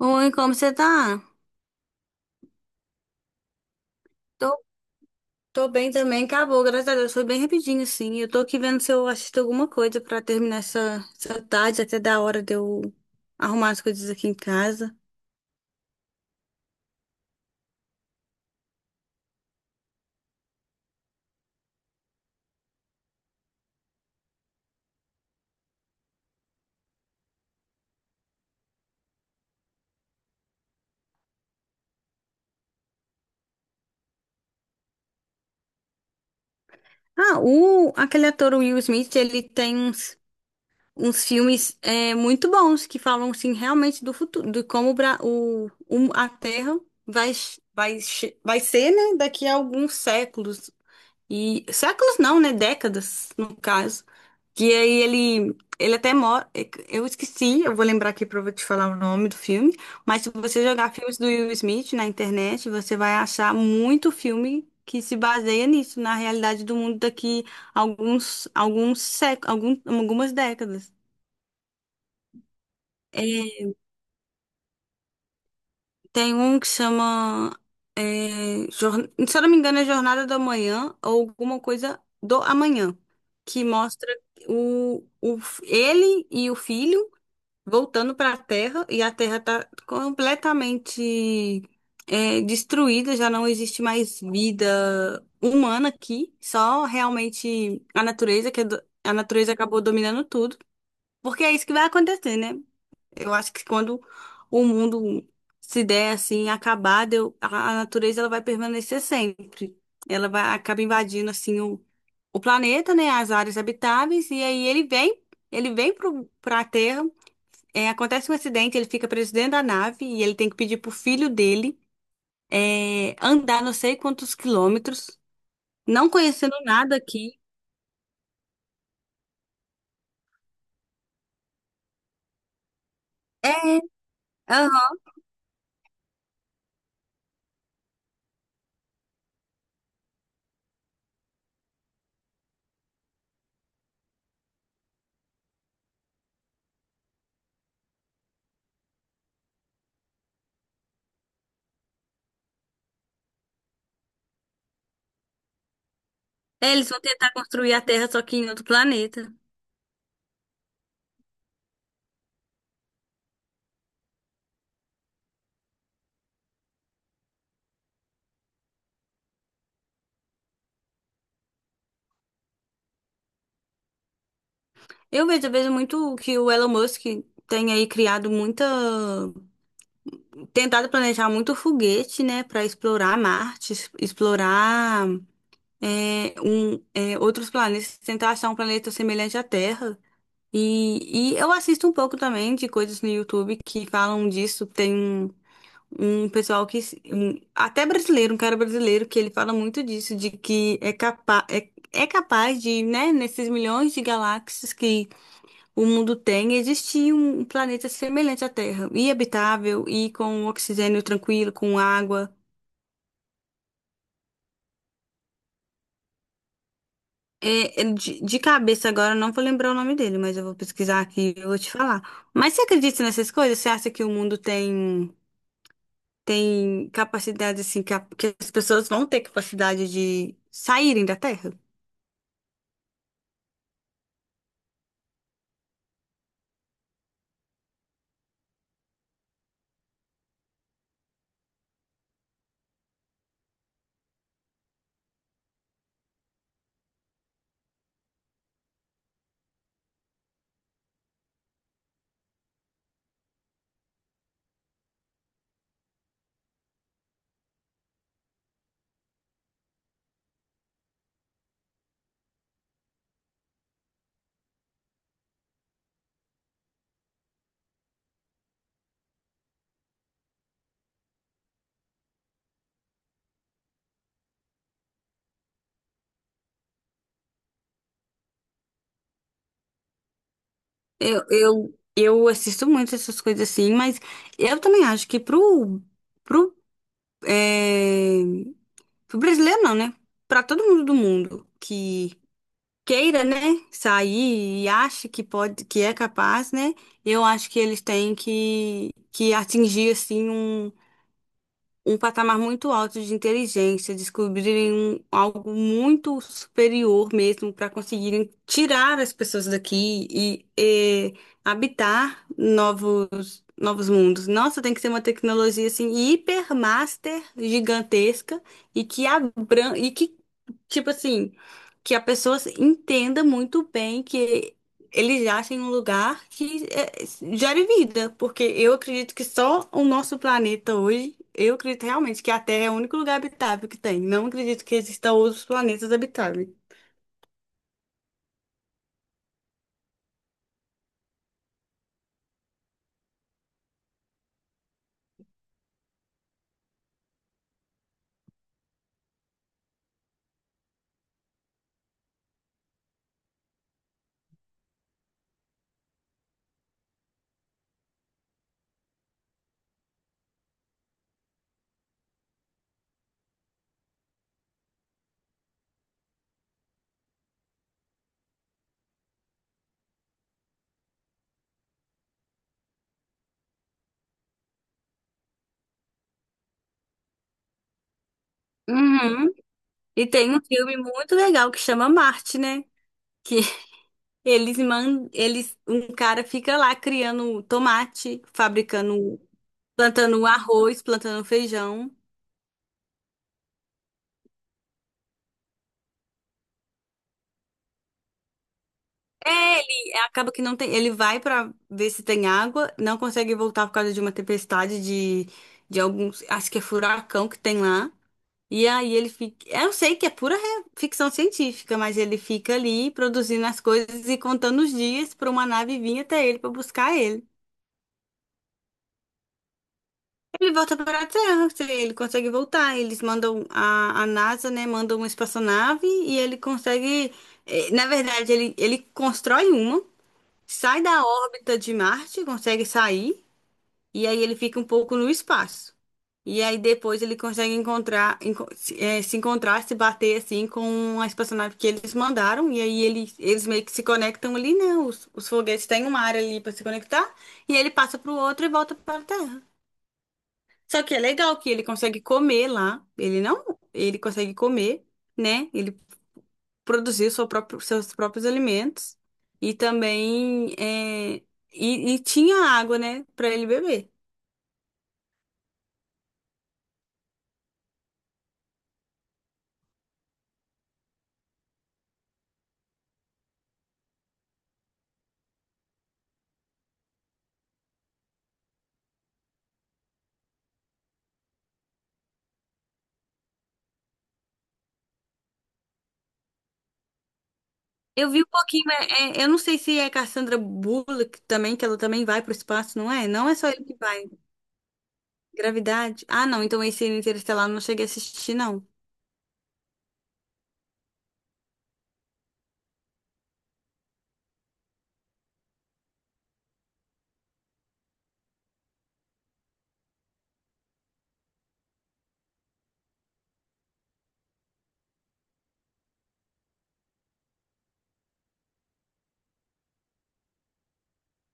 Oi, como você tá? Tô, tô bem também, acabou, graças a Deus, foi bem rapidinho, assim. Eu tô aqui vendo se eu assisto alguma coisa pra terminar essa tarde, até da hora de eu arrumar as coisas aqui em casa. Aquele ator o Will Smith, ele tem uns filmes muito bons que falam, assim, realmente do futuro, de como o, Bra- o- a Terra vai, vai, vai ser, né, daqui a alguns séculos. E séculos não, né? Décadas, no caso. Que ele até mora. Eu esqueci, eu vou lembrar aqui pra eu te falar o nome do filme. Mas se você jogar filmes do Will Smith na internet, você vai achar muito filme que se baseia nisso, na realidade do mundo daqui alguns séculos, algumas décadas. É, Tem um que chama. Se eu não me engano, é Jornada do Amanhã ou alguma coisa do amanhã, que mostra ele e o filho voltando para a Terra, e a Terra está completamente destruída, já não existe mais vida humana aqui, só realmente a natureza, a natureza acabou dominando tudo, porque é isso que vai acontecer, né? Eu acho que quando o mundo se der assim, acabado, a natureza ela vai permanecer sempre. Ela vai, acaba invadindo assim o planeta, né, as áreas habitáveis, e aí ele vem para a Terra, acontece um acidente, ele fica preso dentro da nave e ele tem que pedir pro filho dele andar não sei quantos quilômetros, não conhecendo nada aqui. É, aham. É, eles vão tentar construir a Terra, só que em outro planeta. Eu vejo muito que o Elon Musk tem aí criado muita, tentado planejar muito foguete, né, para explorar Marte, explorar outros planetas, tentar achar um planeta semelhante à Terra. E eu assisto um pouco também de coisas no YouTube que falam disso. Tem um, um pessoal que, até brasileiro, um cara brasileiro, que ele fala muito disso, de que é, capaz, é, é capaz de, né, nesses milhões de galáxias que o mundo tem, existia um planeta semelhante à Terra, e habitável, e com oxigênio tranquilo, com água. De cabeça agora eu não vou lembrar o nome dele, mas eu vou pesquisar aqui e eu vou te falar. Mas você acredita nessas coisas? Você acha que tem capacidade, assim, que as pessoas vão ter capacidade de saírem da Terra? Eu assisto muito essas coisas assim, mas eu também acho que pro, é, pro brasileiro não, né? Pra todo mundo do mundo que queira, né, sair e acha que pode, que é capaz, né? Eu acho que eles têm que atingir assim um um patamar muito alto de inteligência, descobrirem algo muito superior mesmo para conseguirem tirar as pessoas daqui e, habitar novos mundos. Nossa, tem que ser uma tecnologia assim hipermaster gigantesca e que abran e que tipo assim, que a pessoa entenda muito bem que eles acham um lugar gere vida, porque eu acredito que só o nosso planeta hoje, eu acredito realmente que a Terra é o único lugar habitável que tem. Não acredito que existam outros planetas habitáveis. Uhum. E tem um filme muito legal que chama Marte, né? Que um cara fica lá criando tomate, fabricando, plantando arroz, plantando feijão. Acaba que não tem. Ele vai pra ver se tem água, não consegue voltar por causa de uma tempestade de alguns. Acho que é furacão que tem lá. E aí ele fica. Eu sei que é pura ficção científica, mas ele fica ali produzindo as coisas e contando os dias pra uma nave vir até ele pra buscar ele. Ele volta para a Terra, se ele consegue voltar. Eles mandam a NASA, né? Manda uma espaçonave e ele consegue. Na verdade, ele constrói uma. Sai da órbita de Marte, consegue sair, e aí ele fica um pouco no espaço. E aí depois ele consegue encontrar, enco- se eh, se encontrar, se bater assim com a espaçonave que eles mandaram, e aí ele, eles meio que se conectam ali, né? Os foguetes têm uma área ali para se conectar, e aí ele passa para o outro e volta para a Terra. Só que é legal que ele consegue comer lá, ele não, ele consegue comer, né? Ele Produzir seus próprios alimentos e também e tinha água, né, para ele beber. Eu vi um pouquinho, mas eu não sei se é Cassandra Bullock também, que ela também vai pro espaço, não é? Não é só ele que vai. Gravidade? Ah, não, então esse Interestelar eu não cheguei a assistir, não.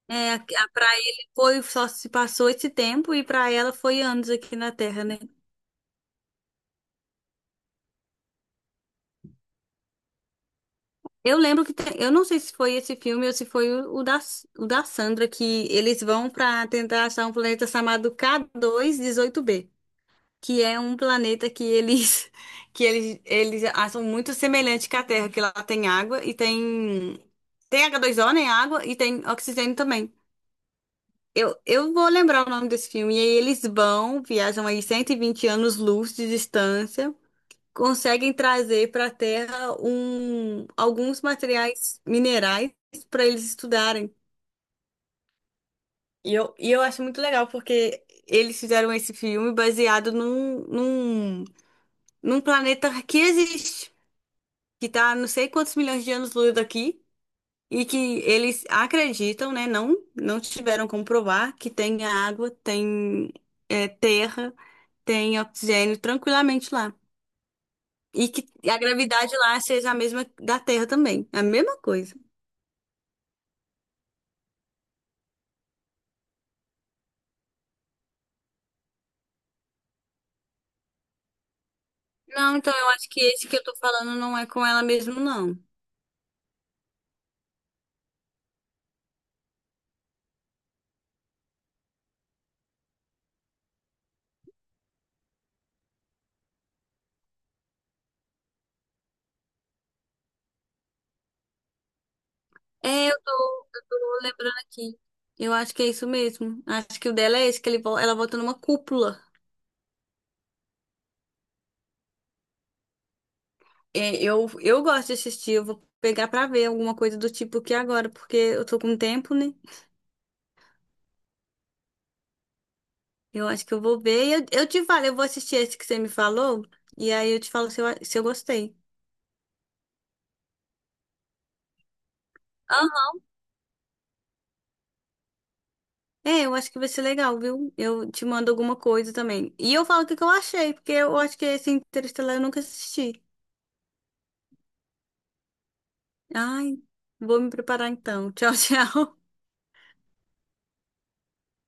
É, pra ele foi, só se passou esse tempo, e pra ela foi anos aqui na Terra, né? Eu lembro que eu não sei se foi esse filme ou se foi o da Sandra, que eles vão para tentar achar um planeta chamado K2-18b, que é um planeta que eles que eles acham muito semelhante com a Terra, que lá tem água e tem H2O, né, água, e tem oxigênio também. Eu vou lembrar o nome desse filme. E aí eles vão, viajam aí 120 anos-luz de distância, conseguem trazer para a Terra um, alguns materiais minerais para eles estudarem. E eu acho muito legal, porque eles fizeram esse filme baseado num planeta que existe, que está não sei quantos milhões de anos-luz daqui, e que eles acreditam, né? Não, não tiveram como provar que tem água, tem terra, tem oxigênio tranquilamente lá. E que a gravidade lá seja a mesma da Terra também. É a mesma coisa. Não, então eu acho que esse que eu tô falando não é com ela mesmo, não. É, eu tô lembrando aqui. Eu acho que é isso mesmo. Acho que o dela é esse, que ela volta numa cúpula. É, eu gosto de assistir, eu vou pegar pra ver alguma coisa do tipo aqui agora, porque eu tô com tempo, né? Eu acho que eu vou ver. E eu te falo, eu vou assistir esse que você me falou, e aí eu te falo se se eu gostei. Aham. É, eu acho que vai ser legal, viu? Eu te mando alguma coisa também. E eu falo o que que eu achei, porque eu acho que esse Interestelar eu nunca assisti. Ai, vou me preparar então. Tchau, tchau.